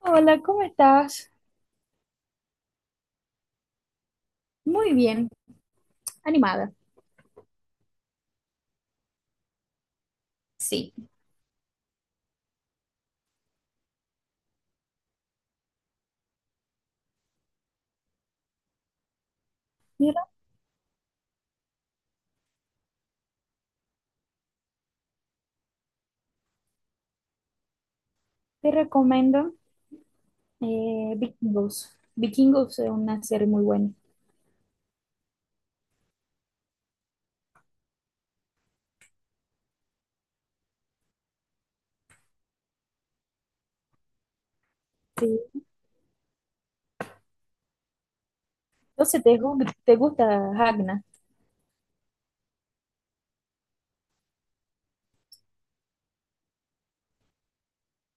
Hola, ¿cómo estás? Muy bien, animada. Sí. Mira, te recomiendo Vikingos. Vikingos es una serie muy buena. Sí. Entonces, ¿te, te gusta Ragna,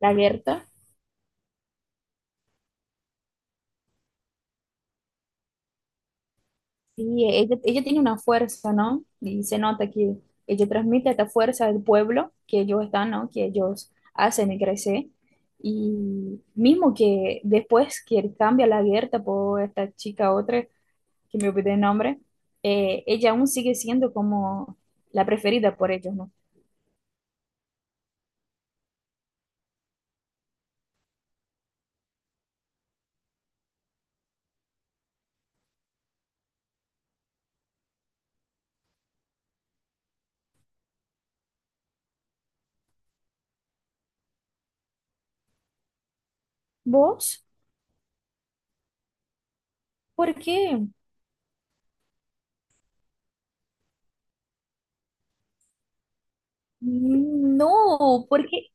la Gerta? Sí, ella tiene una fuerza, ¿no? Y se nota que ella transmite esta fuerza del pueblo que ellos están, ¿no? Que ellos hacen y crecer. Y mismo que después que cambia la Gerta por esta chica otra, que me olvidé el nombre, ella aún sigue siendo como la preferida por ellos, ¿no? ¿Vos? ¿Por qué? No, porque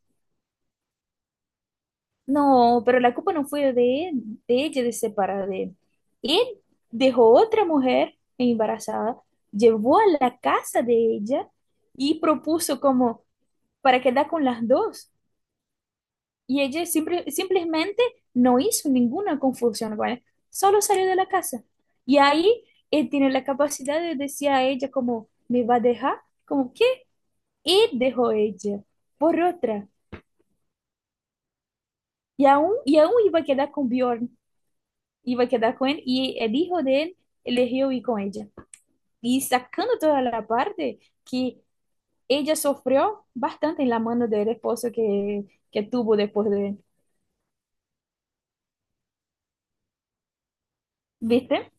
no, pero la culpa no fue de él, de ella de separar de él. Él dejó otra mujer embarazada, llevó a la casa de ella y propuso como para quedar con las dos. Y ella simplemente no hizo ninguna confusión con él, solo salió de la casa. Y ahí él tiene la capacidad de decir a ella como, ¿me va a dejar? Como, ¿qué? Y dejó ella por otra. Y aún iba a quedar con Bjorn, iba a quedar con él y el hijo de él eligió ir con ella. Y sacando toda la parte que ella sufrió bastante en la mano del esposo que tuvo después de él. ¿Viste?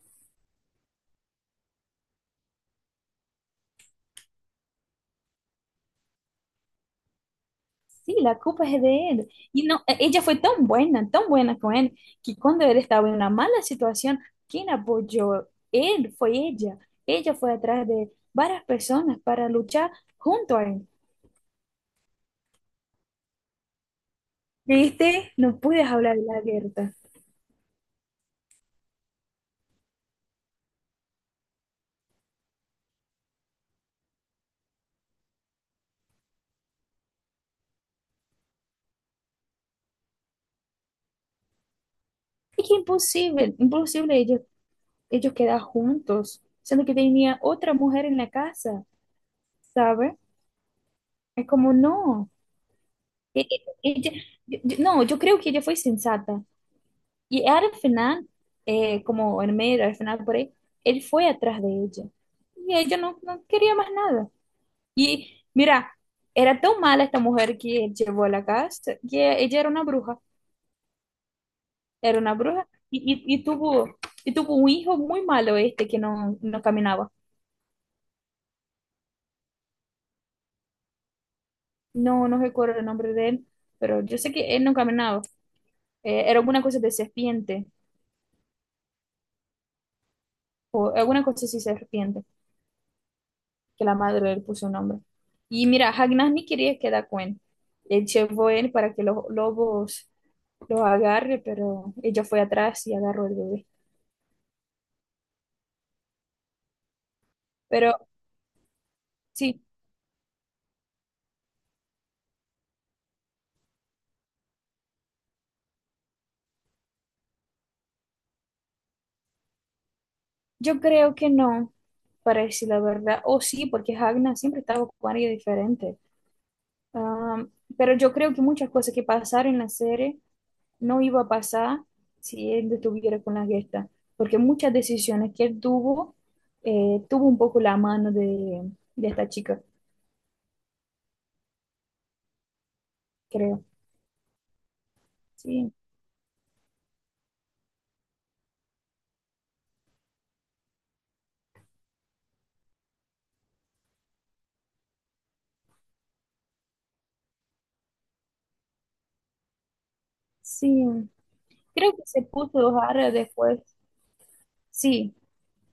Sí, la culpa es de él. Y no, e- ella fue tan buena con él, que cuando él estaba en una mala situación, quien apoyó él fue ella. Ella fue atrás de varias personas para luchar junto a él. ¿Viste? No puedes hablar de la guerra. Es que imposible, imposible ellos quedar juntos, siendo que tenía otra mujer en la casa, ¿sabes? Es como, no. Ella, no, yo creo que ella fue sensata. Y al final, como en medio, al final por ahí, él fue atrás de ella. Y ella no, no quería más nada. Y mira, era tan mala esta mujer que él llevó a la casa, que ella era una bruja, y, y tuvo, y tuvo un hijo muy malo este que no, no caminaba. No, no recuerdo el nombre de él, pero yo sé que él no caminaba. Era alguna cosa de serpiente, o alguna cosa así serpiente. Que la madre le puso un nombre. Y mira, Ragnar ni quería quedar con él. Él llevó a para que los lobos lo agarre, pero ella fue atrás y agarró el bebé. Pero sí, yo creo que no, para decir la verdad. O sí, porque Ragnar siempre estaba con alguien diferente. Am, pero yo creo que muchas cosas que pasaron en la serie no iba a pasar si él estuviera con la gesta, porque muchas decisiones que él tuvo, tuvo un poco la mano de esta chica, creo. Sí, sí. Creo que se puso raro después. Sí,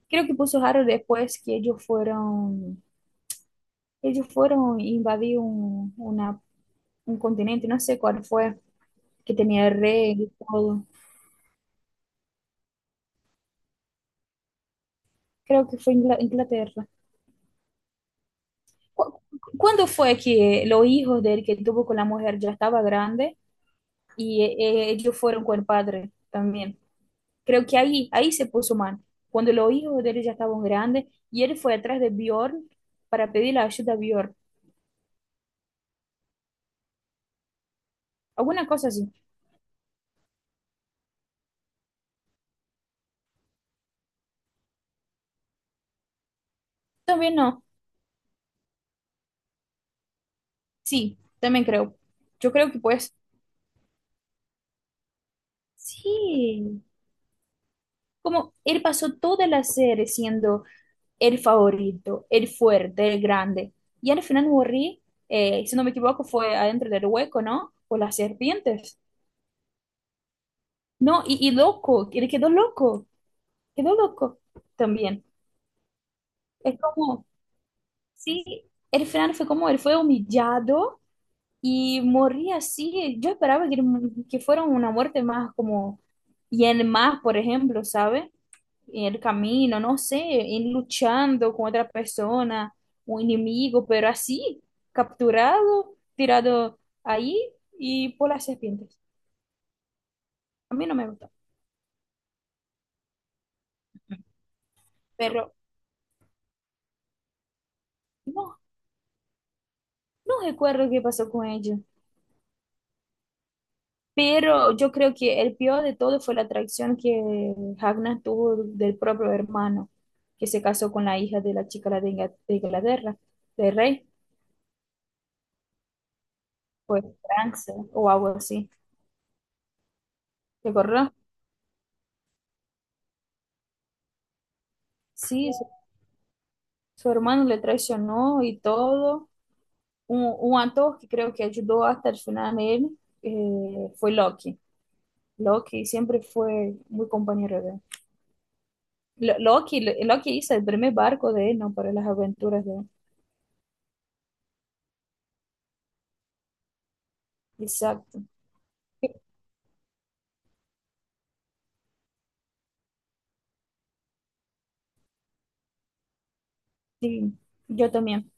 creo que puso raro después que ellos fueron e invadir un continente, no sé cuál fue, que tenía el rey y todo. Creo que fue Inglaterra. ¿Cu- ¿Cuándo fue que los hijos de él que tuvo con la mujer ya estaba grande y ellos fueron con el padre también? Creo que ahí se puso mal. Cuando los hijos de él ya estaban grandes y él fue atrás de Bjorn para pedir la ayuda a Bjorn. Alguna cosa así. También no. Sí, también creo. Yo creo que pues sí. Como él pasó toda la serie siendo el favorito, el fuerte, el grande. Y al final morri si no me equivoco, fue adentro del hueco, ¿no? Por las serpientes. No, y loco, él quedó loco también. Es como... Sí, el final fue como él fue humillado y moría así. Yo esperaba que fuera una muerte más como, y en más, por ejemplo, ¿sabe? En el camino, no sé, en luchando con otra persona, un enemigo, pero así, capturado, tirado ahí y por las serpientes. A mí no me gustó, pero no, no recuerdo qué pasó con ellos. Pero yo creo que el peor de todo fue la traición que Ragnar tuvo del propio hermano, que se casó con la hija de la chica de de Inglaterra, del rey, pues Francia o algo así. ¿Te acordás? Sí, su hermano le traicionó y todo. Un actor que creo que ayudó hasta el final a él fue Loki. Loki siempre fue muy compañero de él. Loki hizo el primer barco de él, ¿no? Para las aventuras de él. Exacto. Sí, yo también.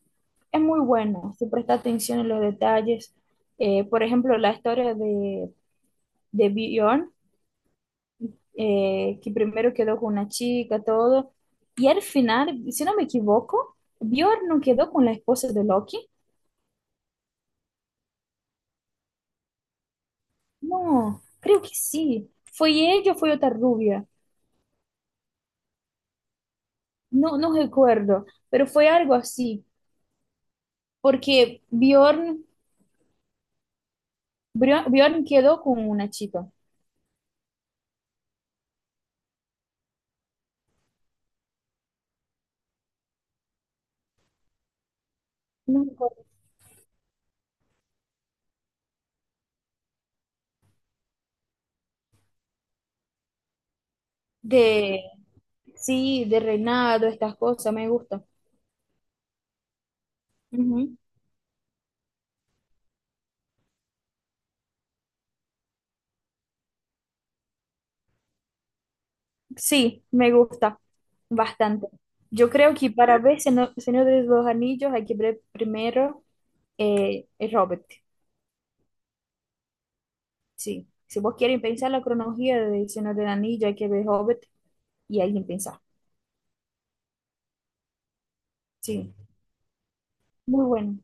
Es muy bueno, si presta atención en los detalles. Por ejemplo, la historia de Bjorn, que primero quedó con una chica, todo. Y al final, si no me equivoco, Bjorn no quedó con la esposa de Loki. No, creo que sí. ¿Fue ella o fue otra rubia? No, no recuerdo, pero fue algo así, porque Bjorn quedó con una chica. No recuerdo. De, sí, de reinado, estas cosas, me gusta. Ujú. Sí, me gusta bastante. Yo creo que para ver Señor de los Anillos hay que ver primero el Hobbit. Sí, si vos quieren pensar la cronología de Señor del Anillo, hay que ver Hobbit y alguien pensar. Sí, muy bueno.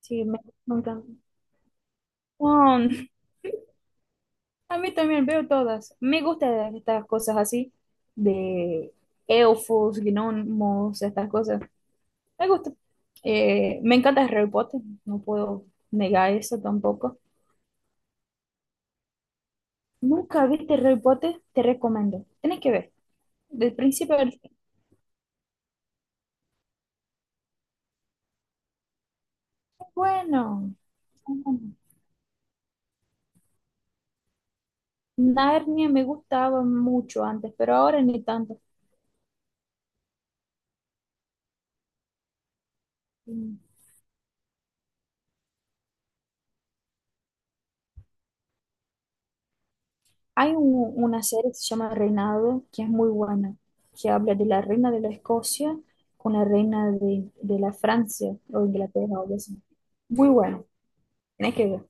Sí, me, me encanta. Oh, a mí también veo todas. Me gustan estas cosas así, de elfos, gnomos, estas cosas. Me gusta. Me encanta Harry Potter, no puedo negar eso tampoco. Nunca viste Harry Potter, te recomiendo. Tienes que ver. Del principio al fin. Es bueno, es bueno. Narnia me gustaba mucho antes, pero ahora ni tanto. Mm. Hay una serie que se llama Reinado, que es muy buena, que habla de la reina de la Escocia con la reina de la Francia o Inglaterra o algo así. Muy bueno, tienes que ver.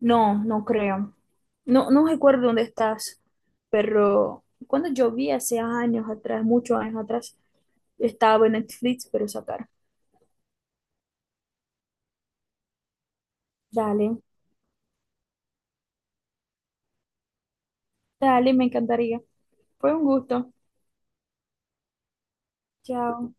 No, no creo. No, no recuerdo dónde estás, pero cuando yo vi hace años atrás, muchos años atrás, estaba en Netflix, pero sacar. Dale, dale, me encantaría. Fue un gusto. Chao.